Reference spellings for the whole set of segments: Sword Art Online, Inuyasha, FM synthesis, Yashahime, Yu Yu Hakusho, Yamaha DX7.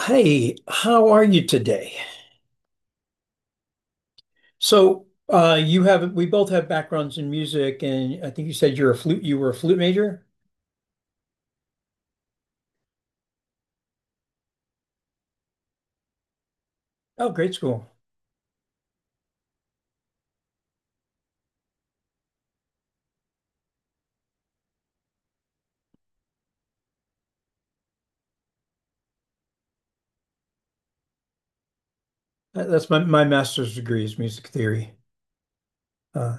Hey, how are you today? So you have we both have backgrounds in music, and I think you said you're a flute. You were a flute major. Oh, great school. That's my my master's degree is music theory. Uh,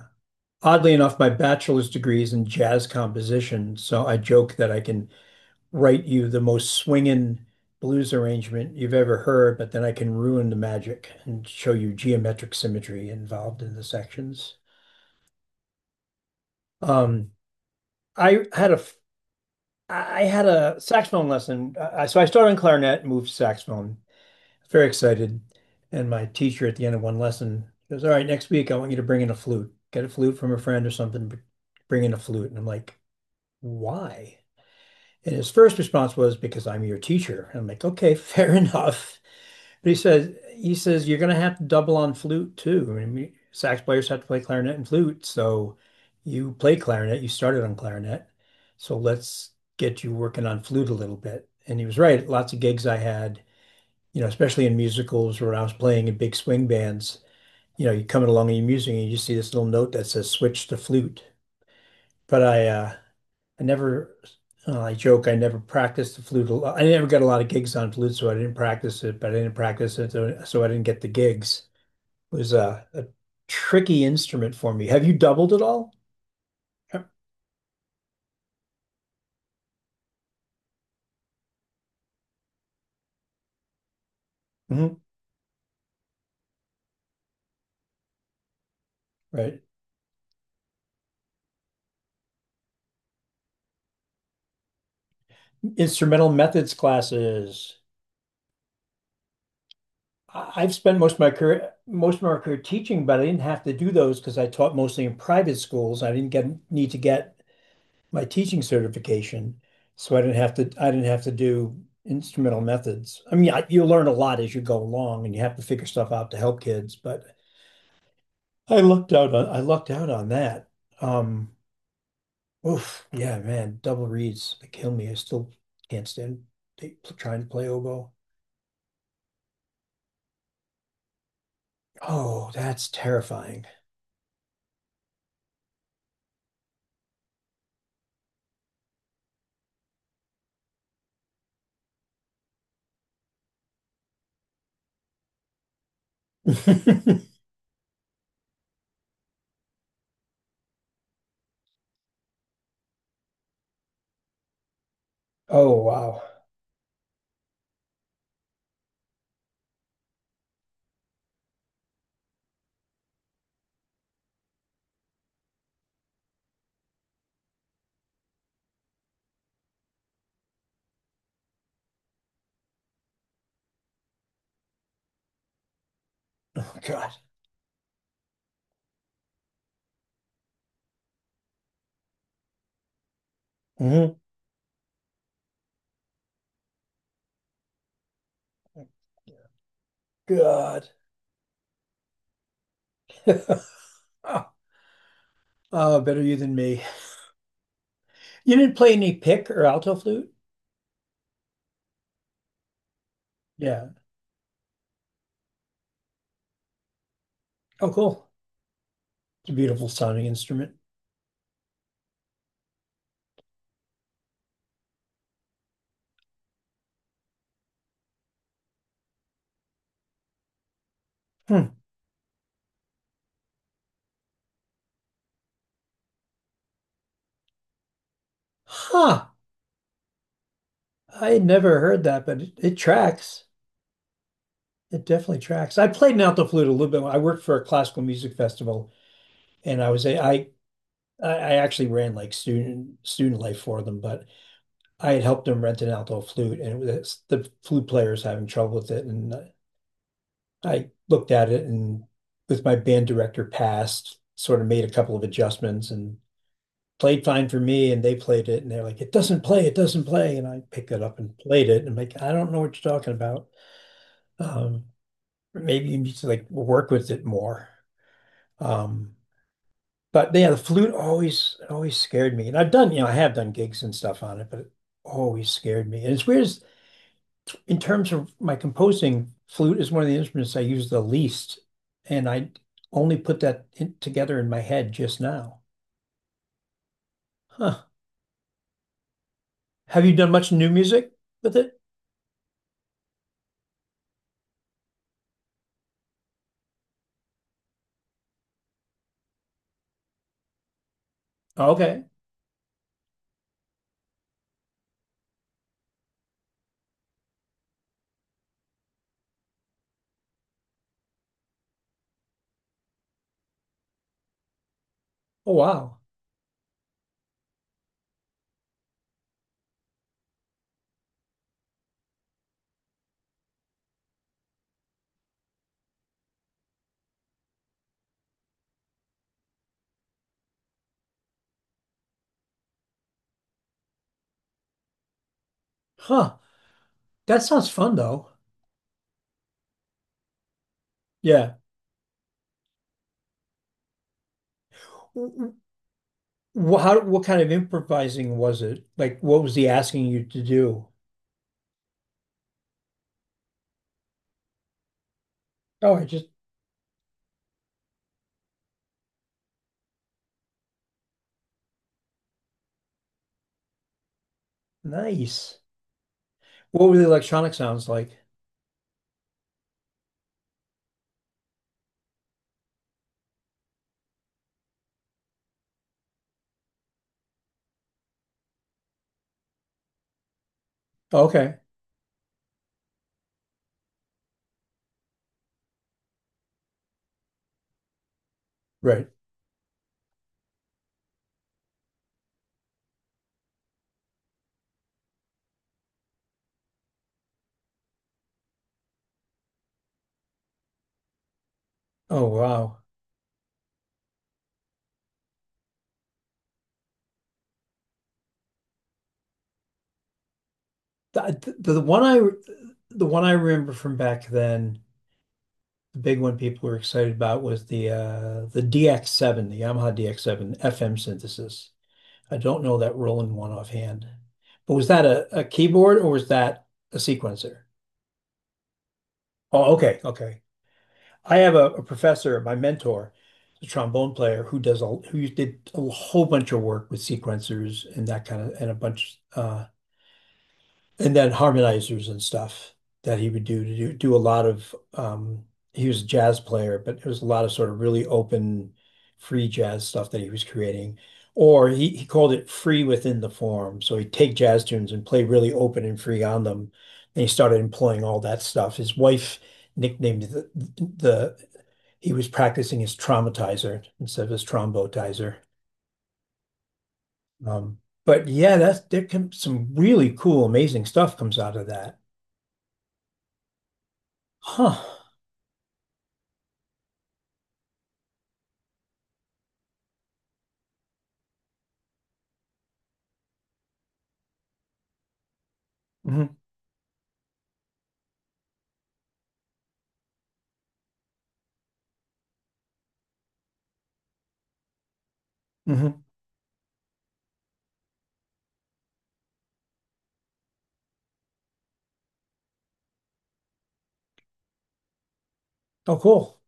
Oddly enough, my bachelor's degree is in jazz composition. So I joke that I can write you the most swinging blues arrangement you've ever heard, but then I can ruin the magic and show you geometric symmetry involved in the sections. Um, I had a f- I had a saxophone lesson. So I started in clarinet, moved to saxophone. Very excited. And my teacher at the end of one lesson goes, "All right, next week I want you to bring in a flute. Get a flute from a friend or something, but bring in a flute." And I'm like, "Why?" And his first response was, "Because I'm your teacher." And I'm like, "Okay," fair enough. But he says he says, "You're gonna have to double on flute too. I mean, sax players have to play clarinet and flute, so you play clarinet, you started on clarinet, so let's get you working on flute a little bit." And he was right. Lots of gigs I had, especially in musicals where I was playing in big swing bands. You know, you're coming along and you're musing and you just see this little note that says switch to flute. But I never, I joke, I never practiced the flute. I never got a lot of gigs on flute, so I didn't practice it, but I didn't practice it, so I didn't get the gigs. It was a tricky instrument for me. Have you doubled at all? Yeah. Mhm. Right. Instrumental methods classes. I've spent most of my career, most of my career teaching, but I didn't have to do those because I taught mostly in private schools. I didn't get need to get my teaching certification, so I didn't have to I didn't have to do instrumental methods. I mean, I, you learn a lot as you go along, and you have to figure stuff out to help kids. But I lucked out on I lucked out on that. Um, Oof, yeah, man, double reeds they kill me. I still can't stand they, trying to play oboe. Oh, that's terrifying. Oh wow. Oh God. Mhm. God. Oh, better you than me. You didn't play any pick or alto flute? Yeah. Oh, cool. It's a beautiful sounding instrument. Hmm. Huh. I had never heard that, but it tracks. It definitely tracks. I played an alto flute a little bit. I worked for a classical music festival, and I was a I actually ran like student student life for them, but I had helped them rent an alto flute, and it was the flute player was having trouble with it, and I looked at it and with my band director past, sort of made a couple of adjustments and played fine for me and they played it and they're like, "It doesn't play, it doesn't play." And I picked it up and played it and I'm like, "I don't know what you're talking about." um Maybe you need to like work with it more. um but yeah, the flute always always scared me, and I've done, you know, I have done gigs and stuff on it, but it always scared me. And it's weird, in terms of my composing, flute is one of the instruments I use the least, and I only put that in, together in my head just now. Huh. Have you done much new music with it? Okay. Oh wow. Huh. That sounds fun though. Yeah. W- How, what kind of improvising was it? Like, what was he asking you to do? Oh, I just, nice. What were the electronic sounds like? Okay. Right. Oh, wow. The, the, the one I, the one I remember from back then, the big one people were excited about was the DX7, the Yamaha DX7 FM synthesis. I don't know that Roland one offhand, but was that a keyboard or was that a sequencer? Oh, okay, okay. I have a professor, my mentor, a trombone player who does a who did a whole bunch of work with sequencers and that kind of and a bunch and then harmonizers and stuff that he would do to do, do a lot of he was a jazz player, but there was a lot of sort of really open free jazz stuff that he was creating. Or he called it free within the form. So he'd take jazz tunes and play really open and free on them. And he started employing all that stuff. His wife nicknamed the he was practicing his traumatizer instead of his trombotizer. Um, but yeah, that's there can some really cool, amazing stuff comes out of that. Huh. Hmm. Hmm. Oh, cool.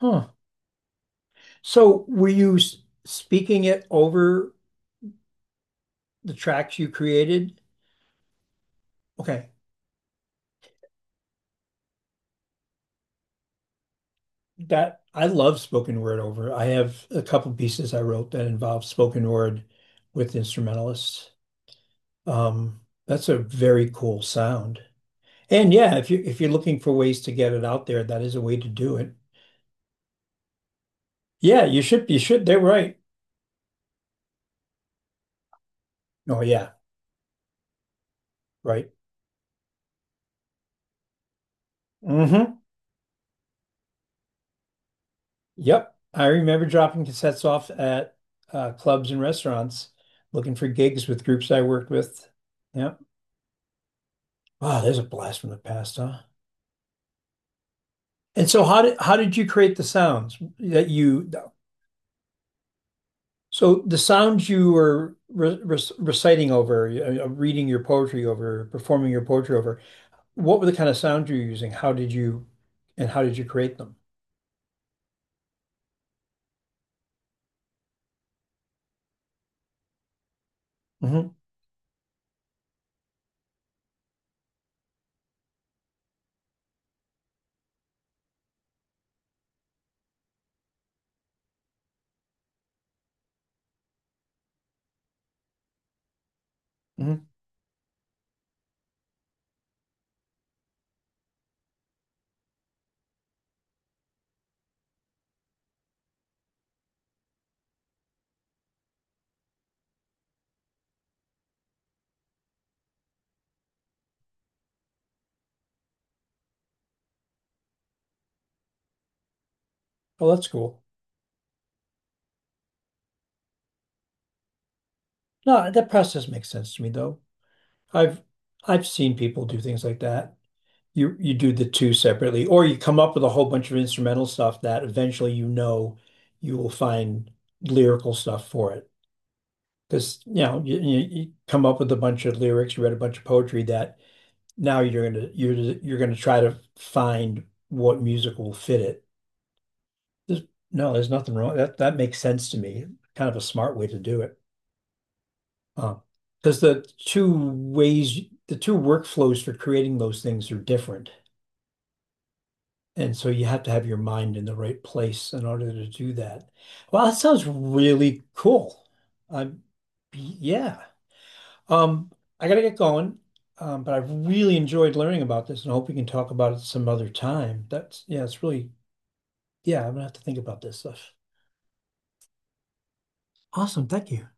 Huh. So were you speaking it over the tracks you created? Okay. That I love spoken word over. I have a couple pieces I wrote that involve spoken word with instrumentalists. Um, that's a very cool sound. And yeah, if you if you're looking for ways to get it out there, that is a way to do it. Yeah, you should you should. They're right. Oh yeah, right. Hmm. Yep. I remember dropping cassettes off at clubs and restaurants looking for gigs with groups I worked with. Yep. Wow, there's a blast from the past, huh? And so how did you create the sounds that you so the sounds you were re re reciting over, reading your poetry over, performing your poetry over, what were the kind of sounds you were using? How did you and how did you create them? Hmm. Hmm. Oh, that's cool. No, that process makes sense to me though. I've I've seen people do things like that. You do the two separately, or you come up with a whole bunch of instrumental stuff that eventually, you know, you will find lyrical stuff for it. Because you know you, you come up with a bunch of lyrics, you read a bunch of poetry that now you're gonna try to find what music will fit it. There's, no, there's nothing wrong. That that makes sense to me. Kind of a smart way to do it. Um, because the two ways, the two workflows for creating those things are different. And so you have to have your mind in the right place in order to do that. Well, that sounds really cool. Um, yeah. Um, I gotta get going. But I've really enjoyed learning about this and I hope we can talk about it some other time. That's, yeah, it's really, yeah, I'm gonna have to think about this stuff. Awesome. Thank you.